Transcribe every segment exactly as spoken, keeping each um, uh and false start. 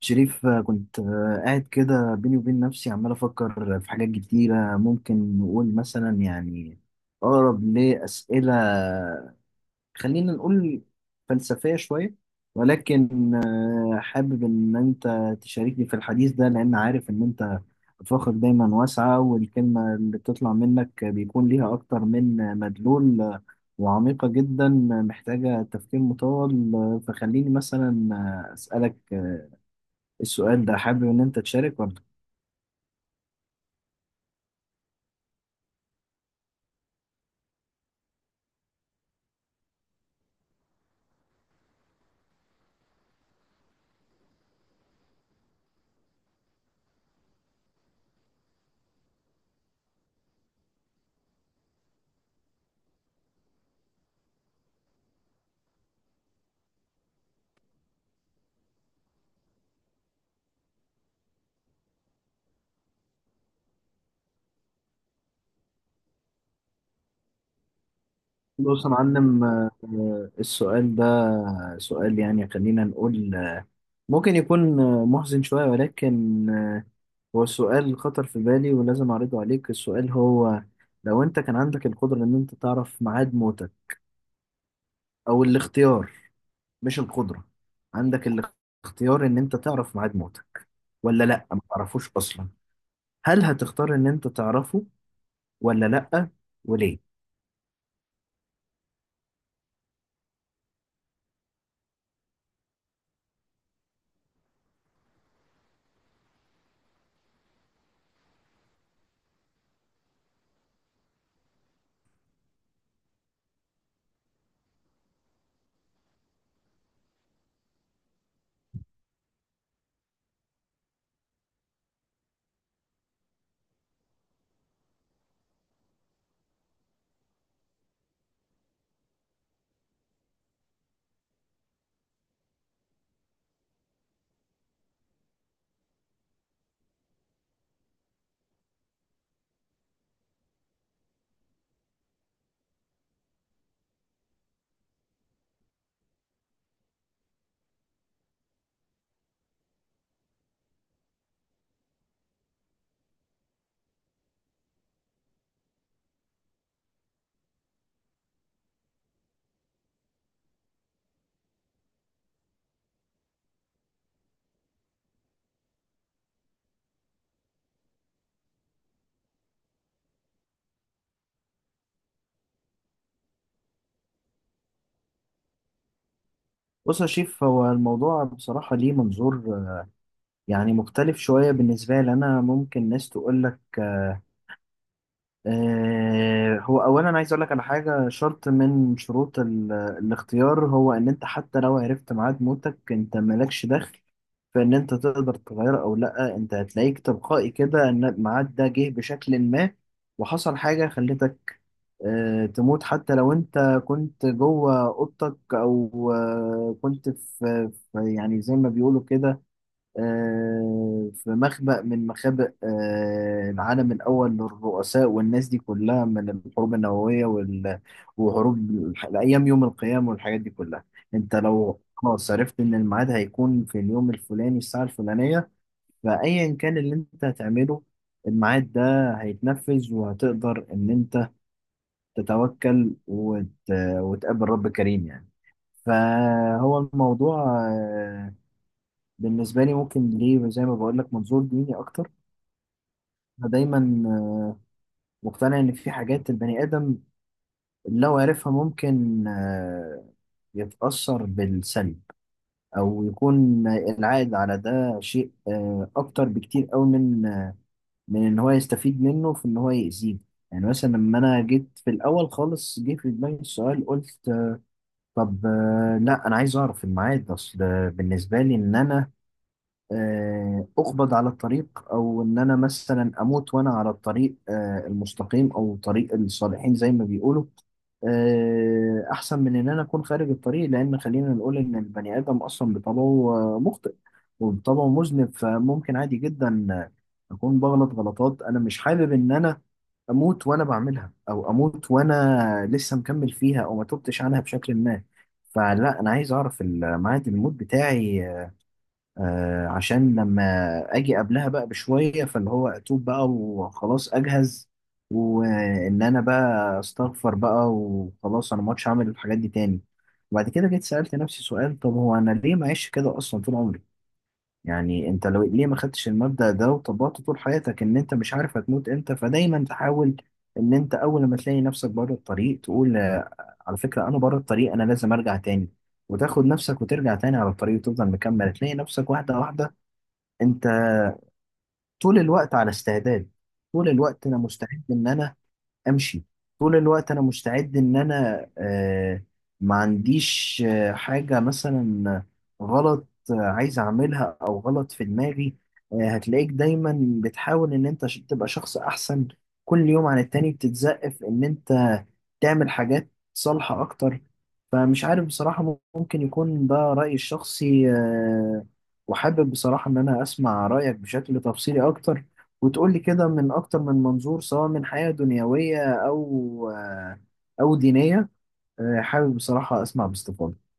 شريف، آه، كنت آه، قاعد كده بيني وبين نفسي عمال أفكر في حاجات كتيرة. ممكن نقول مثلا يعني أقرب لأسئلة، خلينا نقول فلسفية شوية، ولكن آه، حابب إن أنت تشاركني في الحديث ده، لأن عارف إن أنت أفاقك دايما واسعة والكلمة اللي بتطلع منك بيكون ليها أكتر من مدلول، آه، وعميقة جدا، آه، محتاجة تفكير مطول. آه، فخليني مثلا آه، أسألك السؤال ده. حابب ان انت تشارك ولا؟ بص يا معلم، آه، آه، السؤال ده سؤال يعني خلينا نقول آه، ممكن يكون آه، محزن شوية، ولكن آه، هو السؤال خطر في بالي ولازم اعرضه عليك. السؤال هو لو انت كان عندك القدرة ان انت تعرف ميعاد موتك، او الاختيار، مش القدرة، عندك الاختيار ان انت تعرف ميعاد موتك ولا لا ما تعرفوش اصلا. هل هتختار ان انت تعرفه ولا لا؟ وليه؟ بص يا شيف، هو الموضوع بصراحة ليه منظور آه، يعني مختلف شوية بالنسبة لي أنا. ممكن ناس تقول لك آه، هو أولا عايز أقول لك على حاجة. شرط من شروط ال- الاختيار هو إن أنت حتى لو عرفت ميعاد موتك أنت مالكش دخل فإن أنت تقدر تغير أو لأ. أنت هتلاقيك تلقائي كده إن الميعاد ده جه بشكل ما وحصل حاجة خلتك آه، تموت، حتى لو انت كنت جوه اوضتك او آه، كنت في في- يعني زي ما بيقولوا كده آه، في مخبأ من مخابئ آه، العالم الاول للرؤساء والناس دي كلها، من الحروب النووية وال- وحروب ال- ايام يوم القيامة والحاجات دي كلها. انت لو خلاص عرفت ان الميعاد هيكون في اليوم الفلاني الساعة الفلانية، فايا كان اللي انت هتعمله الميعاد ده هيتنفذ، وهتقدر ان انت تتوكل وت... وتقابل رب كريم يعني. فهو الموضوع آه، بالنسبة لي ممكن ليه زي ما بقول لك منظور ديني أكتر. أنا دايما آه، مقتنع إن في حاجات البني آدم لو عرفها ممكن آه، يتأثر بالسلب، أو يكون العائد على ده شيء آه، أكتر بكتير أوي من من إن هو يستفيد منه في إن هو يأذيه. يعني مثلا لما أنا جيت في الأول خالص جه في دماغي السؤال قلت طب آه، لا انا عايز اعرف الميعاد. اصل بالنسبه لي ان انا آه، اقبض على الطريق، او ان انا مثلا اموت وانا على الطريق آه، المستقيم او طريق الصالحين زي ما بيقولوا، آه، احسن من ان انا اكون خارج الطريق. لان خلينا نقول ان البني ادم اصلا بطبعه آه، مخطئ وبطبعه مذنب، فممكن عادي جدا اكون بغلط غلطات. انا مش حابب ان انا اموت وانا بعملها، او اموت وانا لسه مكمل فيها او ما تبتش عنها بشكل ما. فلا، انا عايز اعرف ال- ميعاد الموت بتاعي آه، عشان لما اجي قبلها بقى بشويه فاللي هو اتوب بقى وخلاص اجهز، وان انا بقى استغفر بقى وخلاص انا ما عادش هعمل الحاجات دي تاني. وبعد كده جيت سألت نفسي سؤال، طب هو انا ليه معيش كده اصلا طول عمري؟ يعني انت لو ليه ما خدتش المبدأ ده وطبقته طول حياتك؟ ان انت مش عارف هتموت امتى، فدايما تحاول ان انت اول ما تلاقي نفسك بره الطريق تقول آه، على فكرة انا بره الطريق، انا لازم ارجع تاني. وتاخد نفسك وترجع تاني على الطريق وتفضل مكمل تلاقي نفسك واحدة واحدة. انت طول الوقت على استعداد، طول الوقت انا مستعد ان انا امشي، طول الوقت انا مستعد ان انا آه، ما عنديش آه، حاجة مثلا غلط آه، عايز اعملها او غلط في دماغي. آه، هتلاقيك دايما بتحاول ان انت ش- تبقى شخص احسن كل يوم عن التاني، بتتزقف في ان انت تعمل حاجات صالحة اكتر. فمش عارف بصراحة، ممكن يكون ده رأيي الشخصي، آه، وحابب بصراحة ان انا اسمع رأيك بشكل تفصيلي اكتر، وتقول لي كده من أكتر من منظور سواء من حياة دنيوية أو آه، أو دينية. آه، حابب بصراحة أسمع باستفاضة.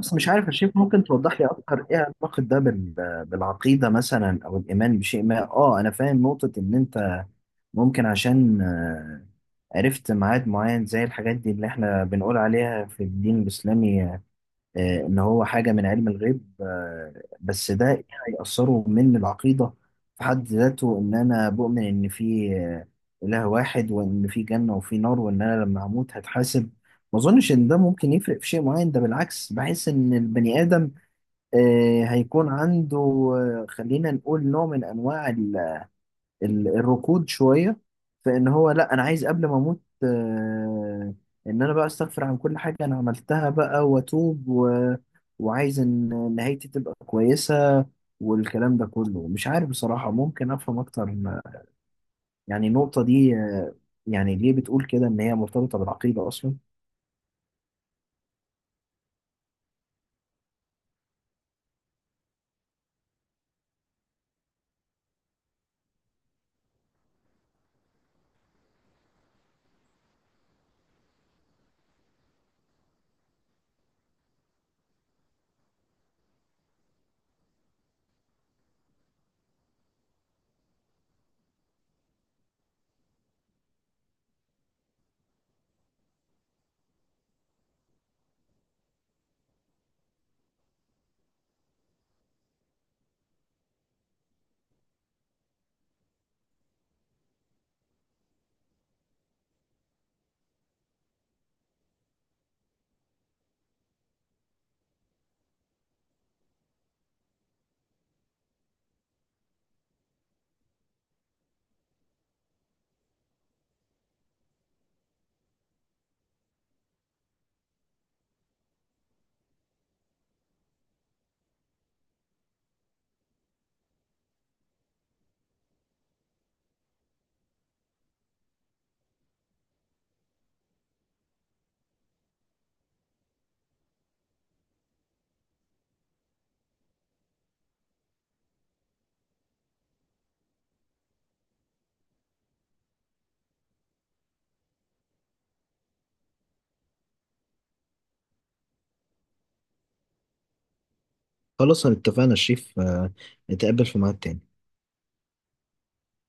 بس مش عارف يا شيخ، ممكن توضح لي أكتر إيه علاقة ده بال- بالعقيدة مثلا أو الإيمان بشيء ما؟ أه، أنا فاهم نقطة إن أنت ممكن عشان آه، عرفت ميعاد معين زي الحاجات دي اللي إحنا بنقول عليها في الدين الإسلامي، آه، ان هو حاجه من علم الغيب، آه، بس ده إيه هيأثره من العقيده في حد ذاته؟ ان انا بؤمن ان في آه، اله واحد وان في جنه وفي نار وان انا لما هموت هتحاسب، ما اظنش ان ده ممكن يفرق في شيء معين. ده بالعكس بحس ان البني ادم آه، هيكون عنده آه، خلينا نقول نوع من انواع ال- الركود شوية في ان هو لا، انا عايز قبل ما اموت آه، ان انا بقى استغفر عن كل حاجة انا عملتها بقى واتوب و... وعايز ان نهايتي تبقى كويسة. والكلام ده كله مش عارف بصراحة، ممكن افهم اكتر يعني النقطة دي؟ آه، يعني ليه بتقول كده ان هي مرتبطة بالعقيدة اصلا؟ خلاص، أنا اتفقنا يا شريف، آه، نتقابل في ميعاد تاني.